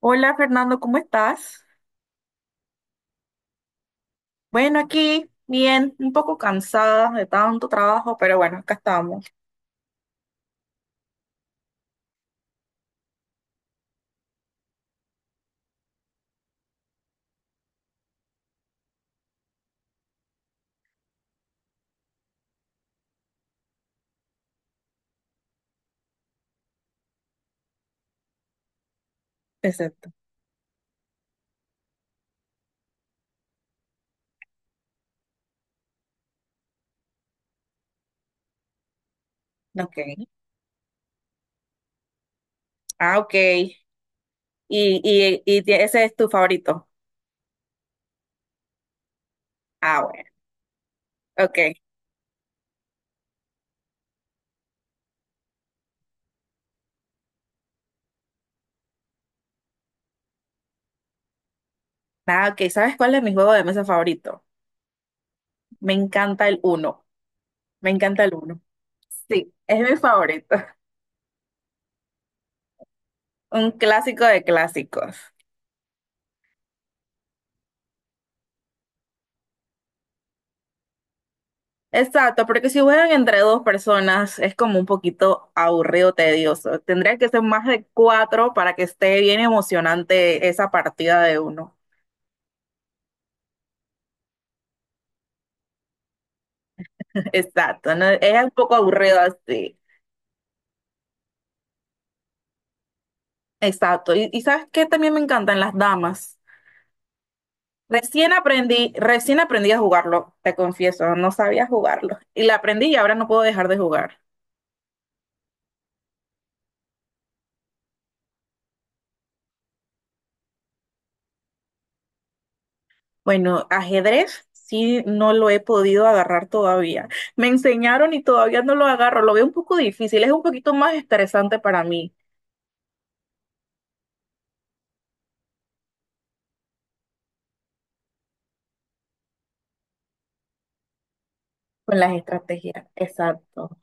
Hola Fernando, ¿cómo estás? Bueno, aquí bien, un poco cansada de tanto trabajo, pero bueno, acá estamos. Exacto. Ok. Ah, ok. Ese es tu favorito. Ah, bueno. Ok. Ah, ok. ¿Sabes cuál es mi juego de mesa favorito? Me encanta el uno. Me encanta el uno. Sí, es mi favorito. Un clásico de clásicos. Exacto, porque si juegan entre dos personas es como un poquito aburrido, tedioso. Tendría que ser más de cuatro para que esté bien emocionante esa partida de uno. Exacto, ¿no? Es un poco aburrido así. Exacto. Y ¿sabes qué? También me encantan las damas. Recién aprendí a jugarlo, te confieso, no sabía jugarlo. Y la aprendí y ahora no puedo dejar de jugar. Bueno, ajedrez sí no lo he podido agarrar todavía. Me enseñaron y todavía no lo agarro. Lo veo un poco difícil, es un poquito más estresante para mí con las estrategias. Exacto.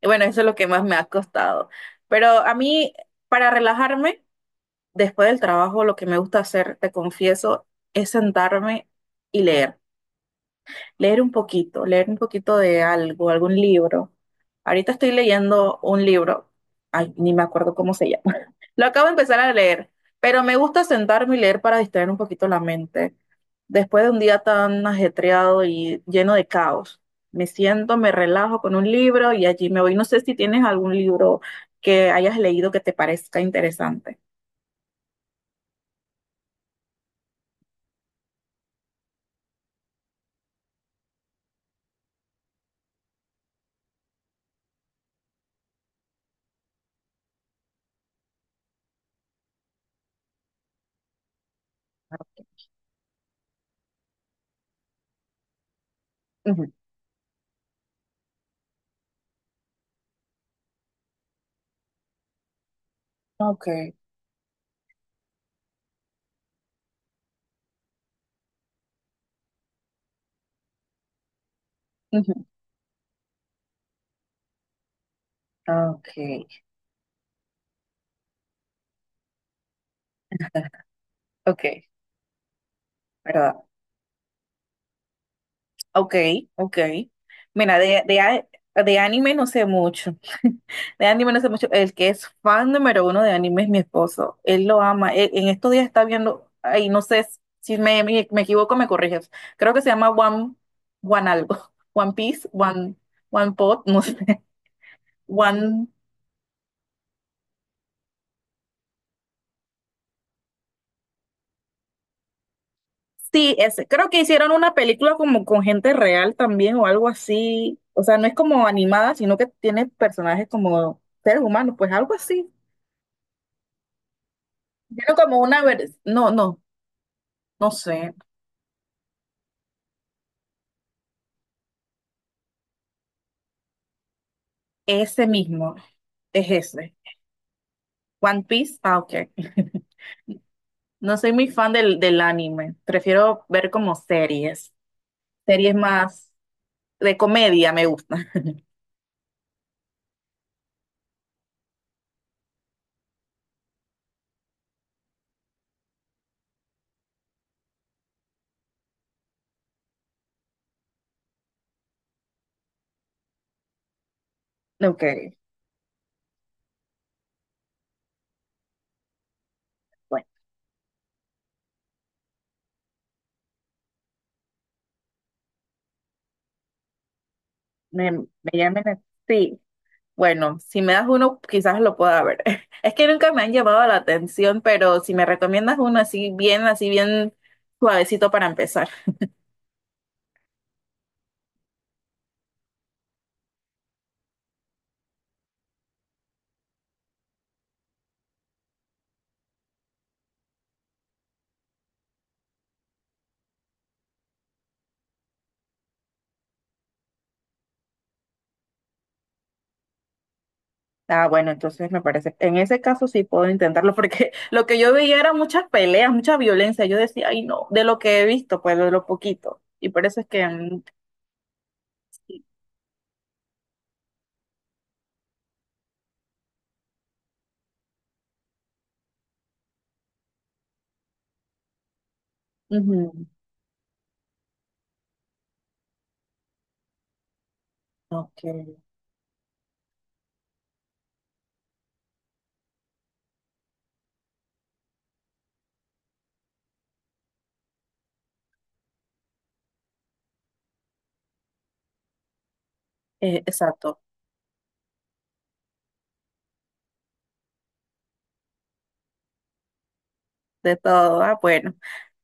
Y bueno, eso es lo que más me ha costado. Pero a mí, para relajarme, después del trabajo, lo que me gusta hacer, te confieso, es sentarme y leer. Leer un poquito de algo, algún libro. Ahorita estoy leyendo un libro, ay, ni me acuerdo cómo se llama. Lo acabo de empezar a leer, pero me gusta sentarme y leer para distraer un poquito la mente. Después de un día tan ajetreado y lleno de caos, me siento, me relajo con un libro y allí me voy. No sé si tienes algún libro que hayas leído que te parezca interesante. Ujú. Okay, ujú. Ah, okay, okay, ¿verdad? Okay, okay. Mira, de, a- De anime no sé mucho. De anime no sé mucho. El que es fan número uno de anime es mi esposo. Él lo ama. En estos días está viendo, ay, no sé si me equivoco, me corriges. Creo que se llama One algo. One Piece, One Pot, no sé. One. Sí, ese. Creo que hicieron una película como con gente real también o algo así. O sea, no es como animada, sino que tiene personajes como seres humanos, pues algo así. Tiene como una... No, no, no sé. Ese mismo. Es ese. One Piece. Ah, ok. No soy muy fan del anime. Prefiero ver como series. Series más de comedia me gustan. Ok. Bueno, me llaman. Sí. Bueno, si me das uno, quizás lo pueda ver. Es que nunca me han llamado la atención, pero si me recomiendas uno así bien suavecito para empezar. Ah, bueno, entonces me parece, en ese caso sí puedo intentarlo, porque lo que yo veía era muchas peleas, mucha violencia. Yo decía, ay no, de lo que he visto, pues de lo poquito. Y por eso es que... ujú, ok, exacto, de todo. Ah, bueno.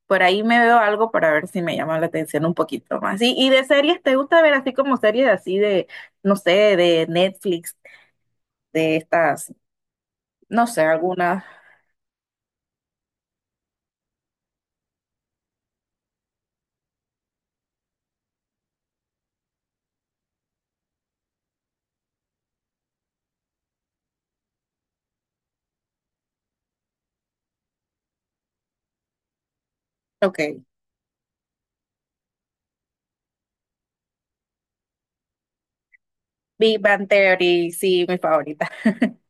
Por ahí me veo algo para ver si me llama la atención un poquito más. Y de series, ¿te gusta ver así como series así de, no sé, de Netflix, de estas, no sé, algunas? Ok. Big Bang Theory, sí, mi favorita.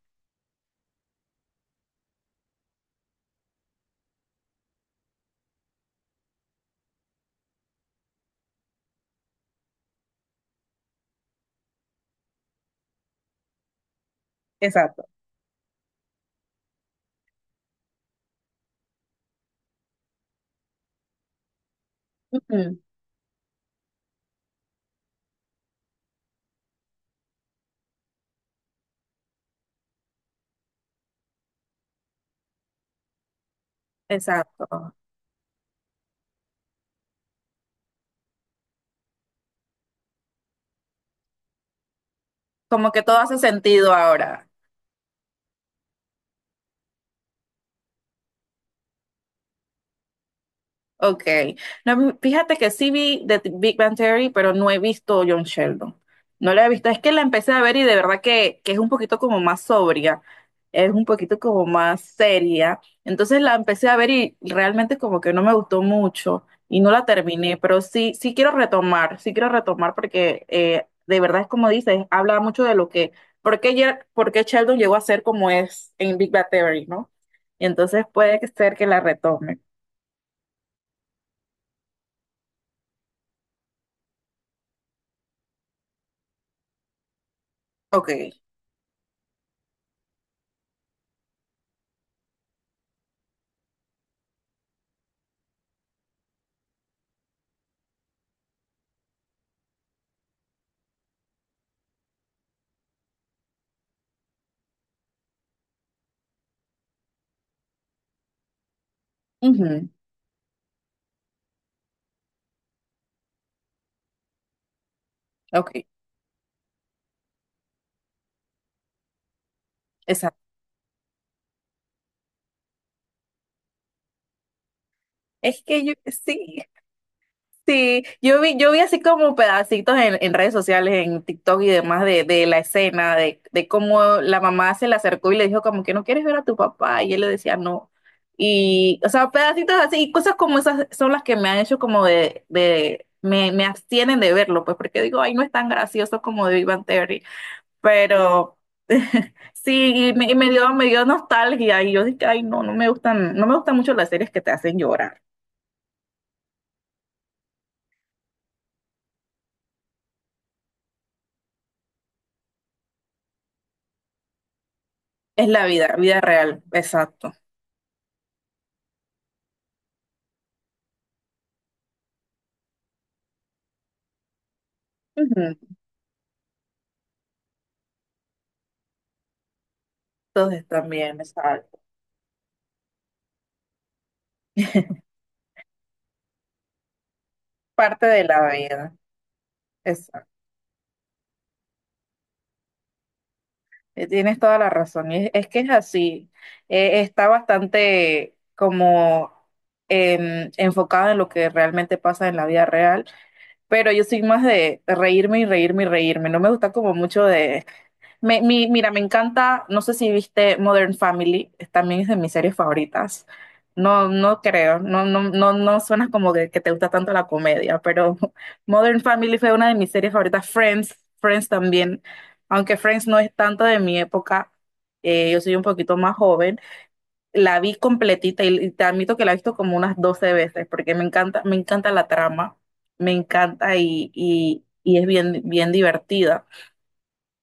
Exacto. Ujú. Exacto. Como que todo hace sentido ahora. Ok. No, fíjate que sí vi The Big Bang Theory, pero no he visto John Sheldon. No la he visto. Es que la empecé a ver y de verdad que es un poquito como más sobria. Es un poquito como más seria. Entonces la empecé a ver y realmente como que no me gustó mucho y no la terminé, pero sí, sí quiero retomar porque de verdad es como dices, habla mucho de lo que, por qué, por qué Sheldon llegó a ser como es en Big Bang Theory, ¿no? Y entonces puede ser que la retome. Ok. Ujú. Ok, exacto. Es que yo sí, sí, yo vi así como pedacitos en redes sociales, en TikTok y demás de la escena, de cómo la mamá se le acercó y le dijo como que no quieres ver a tu papá y él le decía no. Y, o sea, pedacitos así, y cosas como esas son las que me han hecho como de me abstienen de verlo, pues porque digo, ay, no es tan gracioso como de Big Bang Theory. Pero sí, y me dio nostalgia y yo dije, ay, no, no me gustan, no me gustan mucho las series que te hacen llorar. Es la vida, vida real, exacto. Ujú. Entonces también, exacto. Parte de la vida. Exacto. Tienes toda la razón. Y es que es así. Está bastante como enfocado en lo que realmente pasa en la vida real, pero yo soy más de reírme y reírme y reírme. No me gusta como mucho de... mira, me encanta, no sé si viste Modern Family, también es de mis series favoritas. No, no creo, no, no, no, no suena como que te gusta tanto la comedia, pero Modern Family fue una de mis series favoritas. Friends, Friends también, aunque Friends no es tanto de mi época, yo soy un poquito más joven. La vi completita y te admito que la he visto como unas 12 veces porque me encanta la trama, me encanta y es bien, bien divertida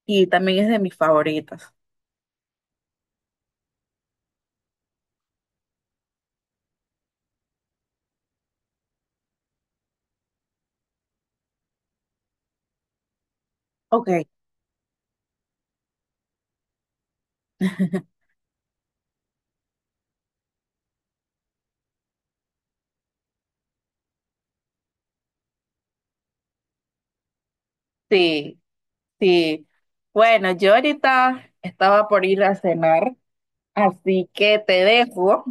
y también es de mis favoritas. Ok. Sí, sí. Bueno, yo ahorita estaba por ir a cenar, así que te dejo.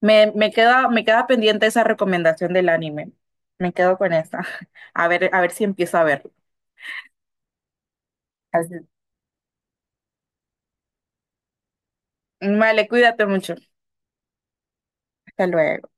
Me queda pendiente esa recomendación del anime. Me quedo con esa. A ver si empiezo a verlo. Así- Vale, cuídate mucho. Hasta luego.